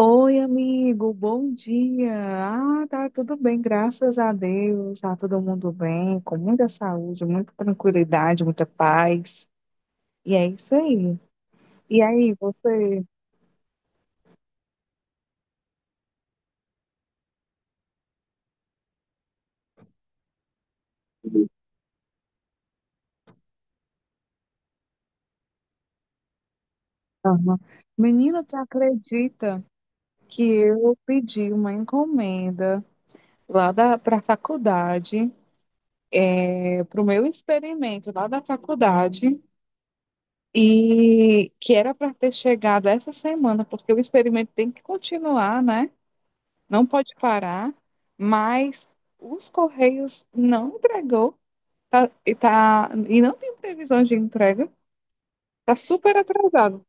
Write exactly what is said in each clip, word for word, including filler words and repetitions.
Oi, amigo, bom dia. Ah, tá tudo bem, graças a Deus. Tá todo mundo bem, com muita saúde, muita tranquilidade, muita paz. E é isso aí. E aí, você? Aham. Menina, tu acredita que eu pedi uma encomenda lá da para a faculdade, para o meu experimento lá da faculdade? E que era para ter chegado essa semana, porque o experimento tem que continuar, né? Não pode parar, mas os Correios não entregou tá- e, tá, e não tem previsão de entrega, está super atrasado.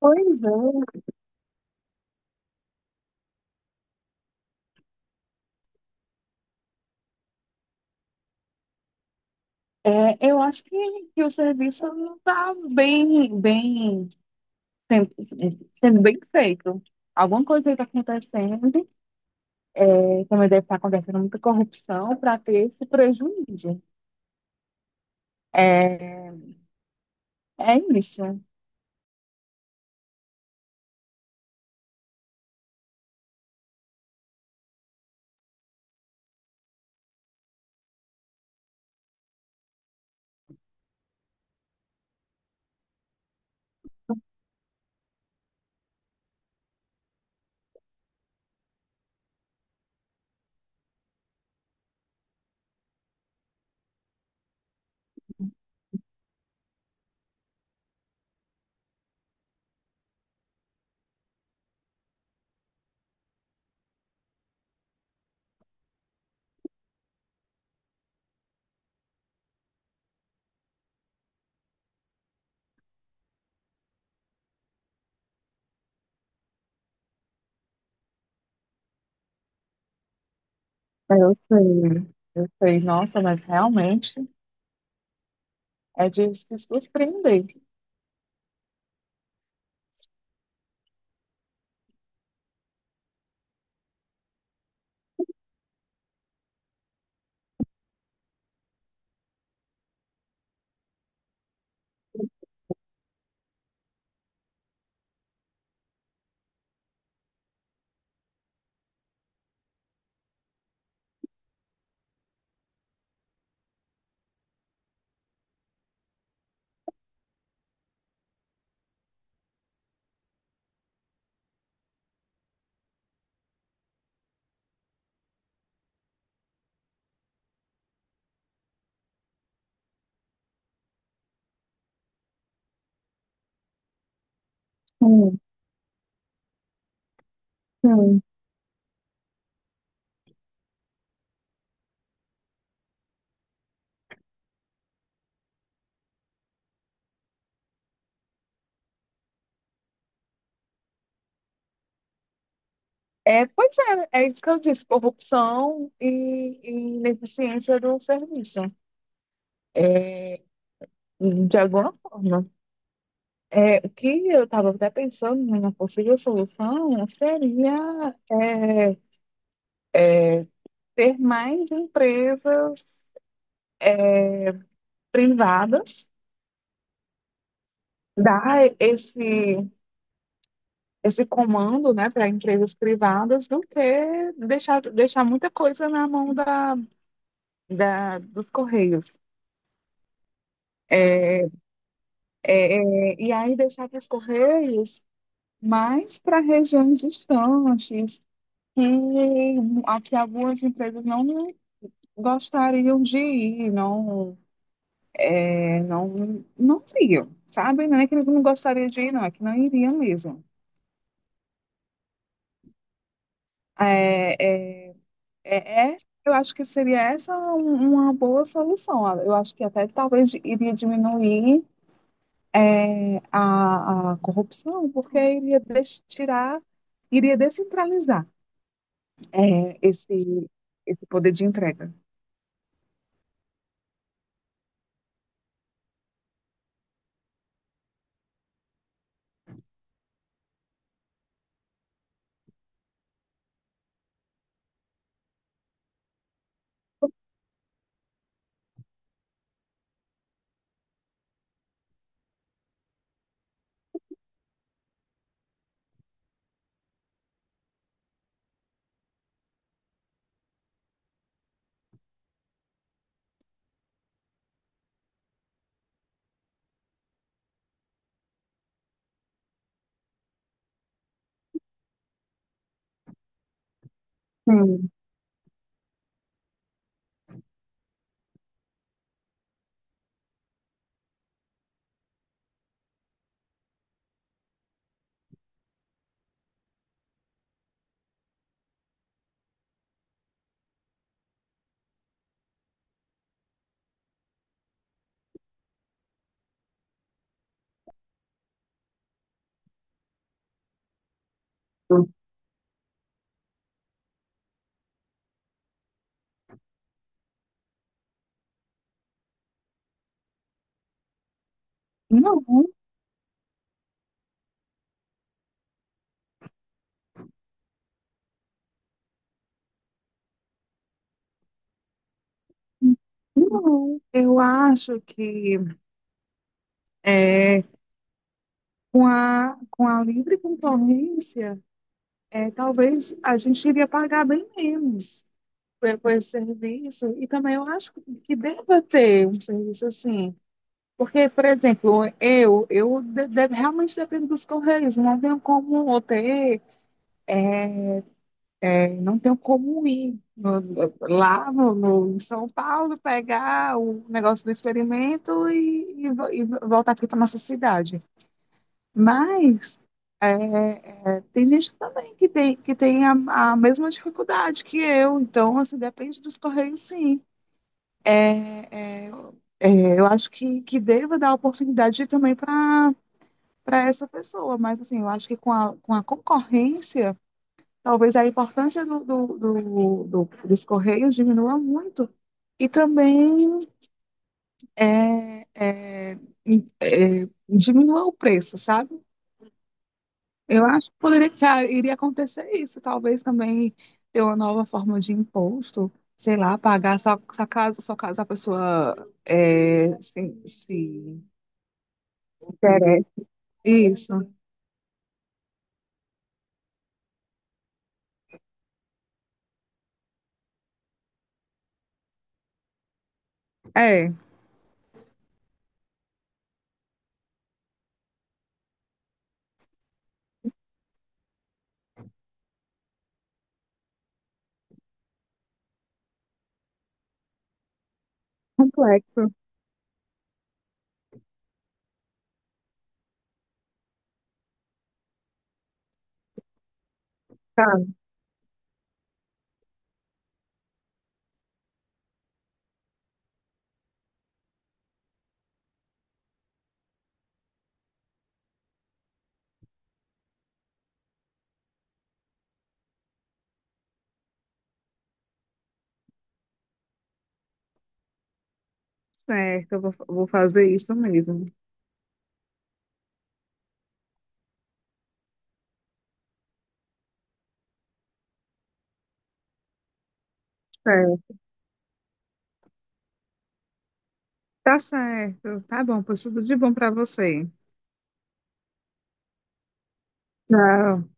Pois é, é, eu acho que, que o serviço não está bem, bem, sem- sendo bem feito. Alguma coisa está acontecendo, é, também deve estar acontecendo muita corrupção para ter esse prejuízo. É, é isso. Eu sei, eu sei. Nossa, mas realmente é de se surpreender. Sim, sim. É, pois é, é isso que eu disse, corrupção e, e ineficiência do serviço, é, de alguma forma. É, o que eu estava até pensando numa possível solução seria é, ter mais empresas privadas, dar esse, esse comando, né, para empresas privadas, do que deixar, deixar muita coisa na mão da, da, dos Correios. É, É, é, e aí deixar para os Correios mais para regiões distantes, que aqui algumas empresas não gostariam de ir, não, é, não, não iriam, sabe? Não é que não gostaria de ir, não, é que não iriam mesmo. É, é, é, é- eu acho que seria essa um- uma boa solução. Eu acho que até talvez iria diminuir é, a, a corrupção, porque iria deix- tirar, iria descentralizar é, esse, esse poder de entrega. Certo. Não, não. Eu acho que é, com a, com a livre concorrência, é, talvez a gente iria pagar bem menos por, por esse serviço. E também eu acho que deva ter um serviço assim. Porque, por exemplo, eu, eu de- de- realmente dependo dos correios, não tenho como ou ter não tenho como ir no- no- lá no, no- em São Paulo, pegar o negócio do experimento e, e vo- e voltar aqui para nossa cidade. Mas é, é, tem gente também que tem, que tem a, a mesma dificuldade que eu, então assim, depende dos correios, sim. É, é, é, eu acho que, que devo dar oportunidade também para para essa pessoa, mas assim, eu acho que com a, com a concorrência. Talvez a importância do, do- do- do- dos correios diminua muito e também é, é, é, diminua o preço, sabe? Eu acho que poderia que ah, iria acontecer isso, talvez também ter uma nova forma de imposto, sei lá, pagar só, só caso só caso a pessoa é, se, se interessa. Isso. É, complexo, tá? Certo, eu vou, vou fazer isso mesmo. Certo. Tá certo. Tá bom, pois tudo de bom pra você. Tchau.